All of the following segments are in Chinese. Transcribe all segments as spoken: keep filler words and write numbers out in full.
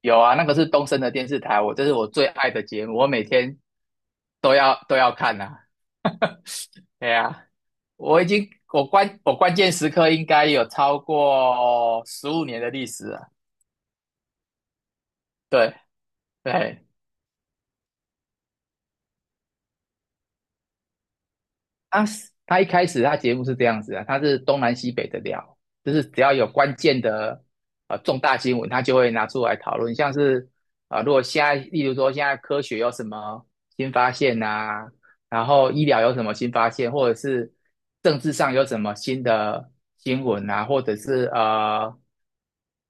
有啊，那个是东森的电视台，我这是我最爱的节目，我每天都要都要看呐、啊。对啊，我已经我关我关键时刻应该有超过十五年的历史了。对对，他他一开始他节目是这样子啊，他是东南西北的聊，就是只要有关键的呃重大新闻，他就会拿出来讨论，像是呃如果现在例如说现在科学有什么新发现呐、然后医疗有什么新发现，或者是政治上有什么新的新闻啊，或者是呃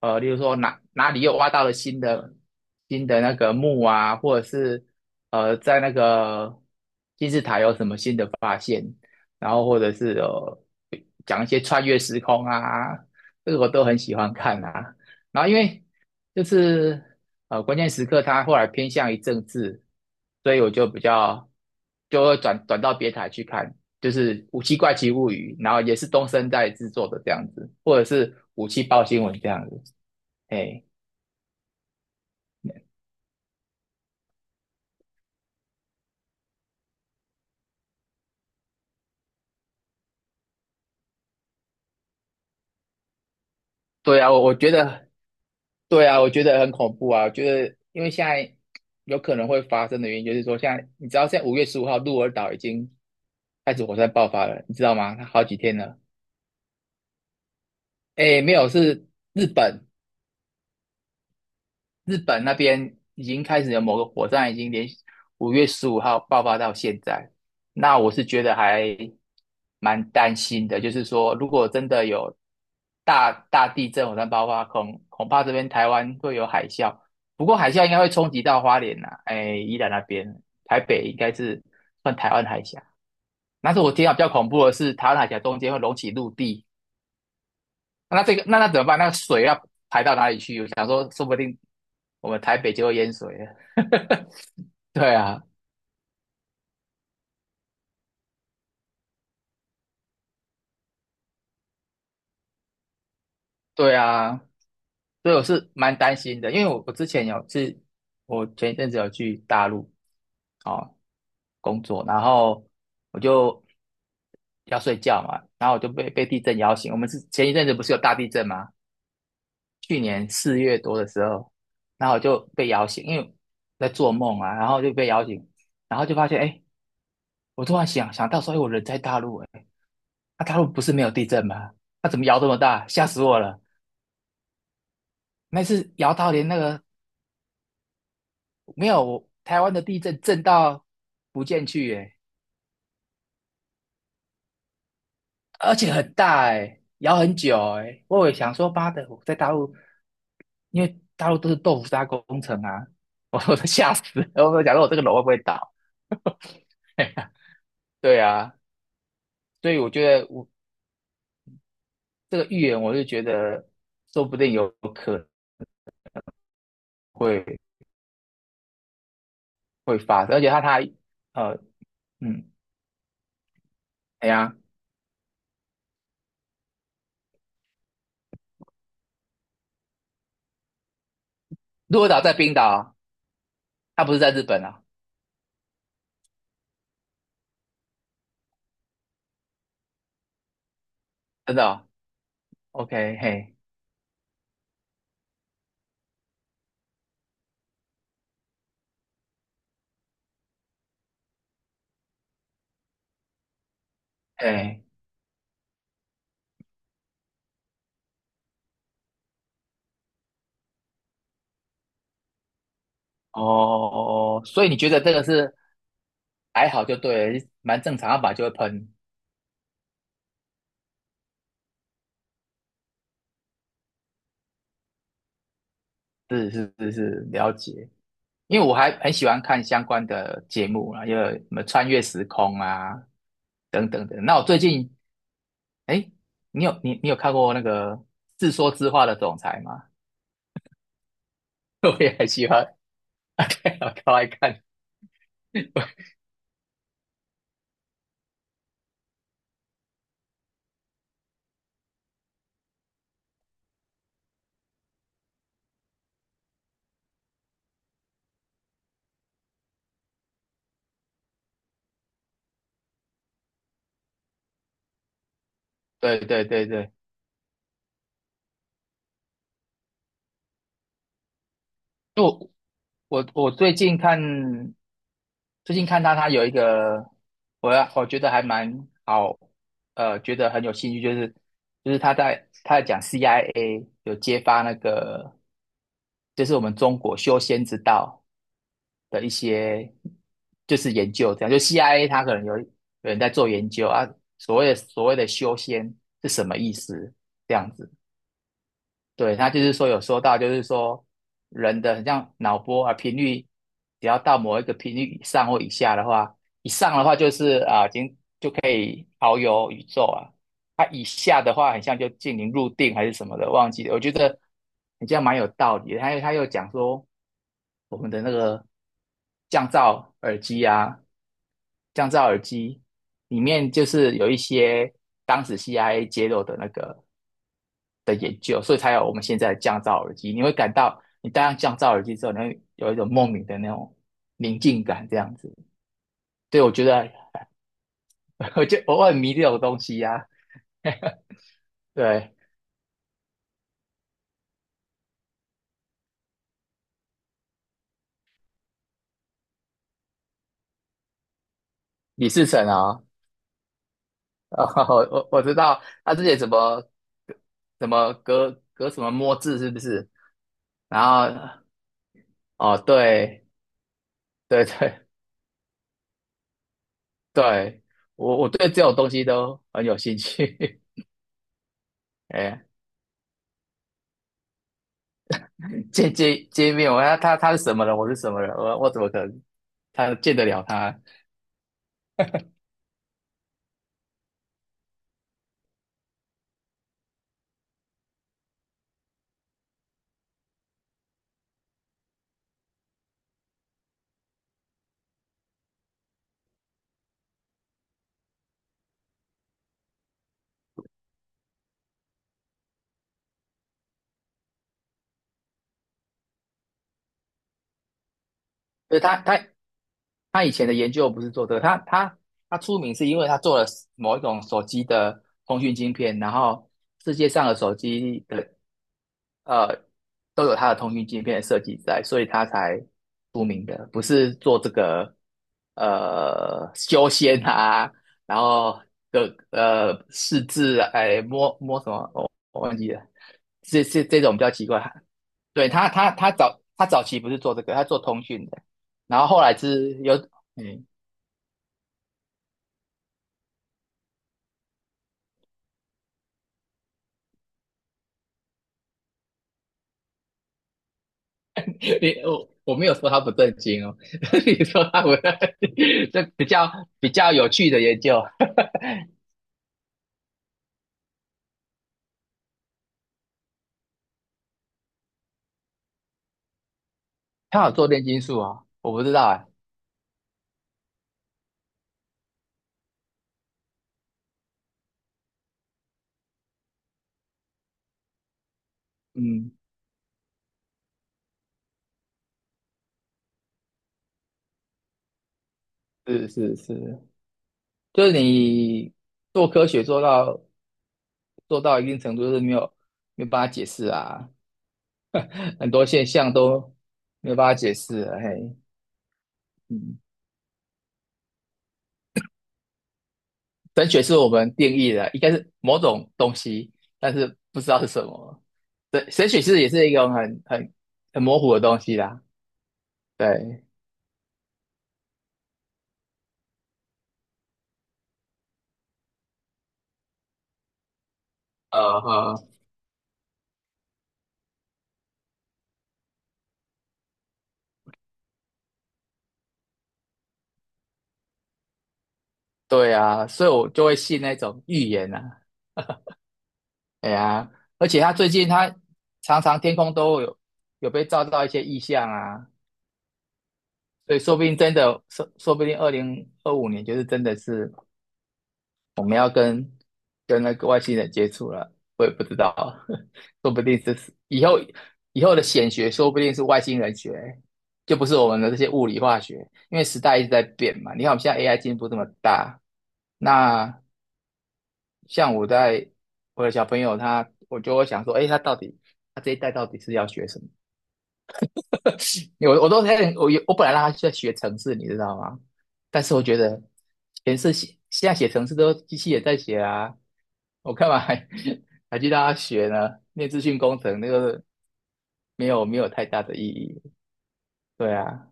呃例如说哪哪里又挖到了新的新的那个墓啊，或者是呃，在那个金字塔有什么新的发现，然后或者是呃讲一些穿越时空啊，这个我都很喜欢看啊。然后因为就是呃关键时刻，他后来偏向于政治，所以我就比较就会转转到别台去看，就是《武器怪奇物语》，然后也是东森在制作的这样子，或者是《武器报新闻》这样子，哎。对啊，我我觉得，对啊，我觉得很恐怖啊。我觉得，因为现在有可能会发生的原因，就是说，现在你知道，现在五月十五号鹿儿岛已经开始火山爆发了，你知道吗？它好几天了。哎，没有，是日本，日本那边已经开始有某个火山，已经连续五月十五号爆发到现在。那我是觉得还蛮担心的，就是说，如果真的有大大地震、火山爆发，恐恐怕这边台湾会有海啸。不过海啸应该会冲击到花莲呐、哎，宜兰那边，台北应该是算台湾海峡。但是我听到比较恐怖的是，台湾海峡中间会隆起陆地，那这个那那怎么办？那个水要排到哪里去？我想说，说不定我们台北就会淹水了。对啊，对啊，所以我是蛮担心的，因为我我之前有是，我前一阵子有去大陆哦工作，然后我就要睡觉嘛，然后我就被被地震摇醒。我们是前一阵子不是有大地震吗？去年四月多的时候，然后我就被摇醒，因为在做梦啊，然后就被摇醒，然后就发现哎。诶我突然想想到说，哎，我人在大陆，哎，那、大陆不是没有地震吗？那、怎么摇这么大？吓死我了！那次摇到连那个没有台湾的地震震到福建去，哎，而且很大，哎，摇很久，哎，我也想说，妈的，我在大陆，因为大陆都是豆腐渣工程啊，我我都吓死了，我都想说我这个楼会不会倒？对啊，所以我觉得我这个预言，我就觉得说不定有可能会会发生，而且他他呃嗯，哎呀。鹿儿岛在冰岛啊，它不是在日本啊，真的哦。OK,嘿，嘿，哦，哦所以你觉得这个是还好就对了，蛮正常，要把就会喷，是是是是，了解。因为我还很喜欢看相关的节目啊，因为什么穿越时空啊，等等等。那我最近，哎，你有你你有看过那个《自说自话的总裁》吗？我也很喜欢，我超爱看。对对对对就我我我最近看最近看他，他有一个我要我觉得还蛮好，呃，觉得很有兴趣，就是就是他在他在讲 C I A 有揭发那个就是我们中国修仙之道的一些就是研究，这样就 C I A 他可能有有人在做研究啊，所谓的所谓的修仙是什么意思？这样子，对，他就是说有说到，就是说人的很像脑波啊频率，只要到某一个频率以上或以下的话，以上的话就是啊已经就可以遨游宇宙啊，它、以下的话很像就进行入定还是什么的，忘记了。我觉得你这样蛮有道理的。他又他又讲说我们的那个降噪耳机啊，降噪耳机里面就是有一些当时 C I A 揭露的那个，的研究，所以才有我们现在的降噪耳机。你会感到你戴上降噪耳机之后，你会有一种莫名的那种宁静感，这样子。对，我觉得我就偶尔迷这种东西呀、对，李世成啊，哦我我我知道他之前怎么怎么隔隔什么摸字是不是？然后哦，对对对对，我我对这种东西都很有兴趣。哎，见见见面，我要他他是什么人，我是什么人，我我怎么可能他见得了他？所以他他他以前的研究不是做这个，他他他出名是因为他做了某一种手机的通讯晶片，然后世界上的手机的呃，都有它的通讯界面设计在，所以它才出名的，不是做这个呃修仙啊，然后的呃试制啊哎摸摸什么，我、我忘记了，这这这种比较奇怪。对他他他早他早期不是做这个，他做通讯的，然后后来是有嗯，你我我没有说他不正经哦，你说他不，这比较比较有趣的研究。他有做炼金术啊，我不知道哎、嗯，是是是，就是你做科学做到做到一定程度，就是没有没有办法解释啊，很多现象都没有办法解释啊。嘿，嗯，神学是我们定义的，应该是某种东西，但是不知道是什么。神神学是也是一种很很很模糊的东西啦。对，呃，呃对啊，所以我就会信那种预言啊，哎呀，而且他最近他常常天空都有有被照到一些异象啊，所以说不定真的，说说不定二零二五年就是真的是我们要跟跟那个外星人接触了，我也不知道，说不定这是以后以后的显学，说不定是外星人学，就不是我们的这些物理化学，因为时代一直在变嘛。你看我们现在 A I 进步这么大，那像我在我的小朋友他，我就会想说，哎，他到底他这一代到底是要学什么？因为我我都在我我本来让他在学程式，你知道吗？但是我觉得程式写现在写程式都机器也在写啊，我干嘛还 还去让他学呢？念资讯工程那个没有没有太大的意义。对啊，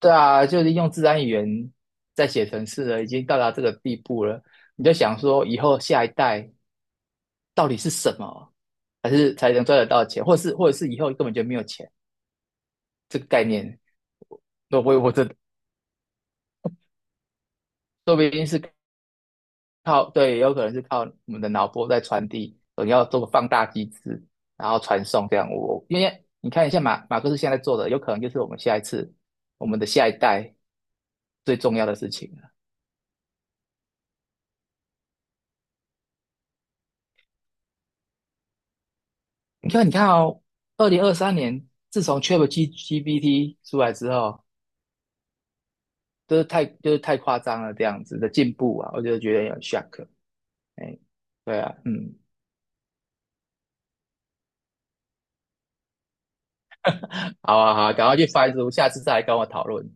对啊，就是用自然语言在写程式了，已经到达这个地步了。你就想说，以后下一代，到底是什么，还是才能赚得到钱，或者是或者是以后根本就没有钱这个概念，我我我这说不定是靠对，有可能是靠我们的脑波在传递，你要做个放大机制，然后传送这样。我因为你看一下马马克思现在做的，有可能就是我们下一次我们的下一代最重要的事情了。你看，你看哦，二零二三年自从 Chat G p t 出来之后，就是太就是太夸张了这样子的进步啊，我就觉得有点 shock。哎，对啊，嗯，好啊，好啊，赶快去翻书，下次再来跟我讨论。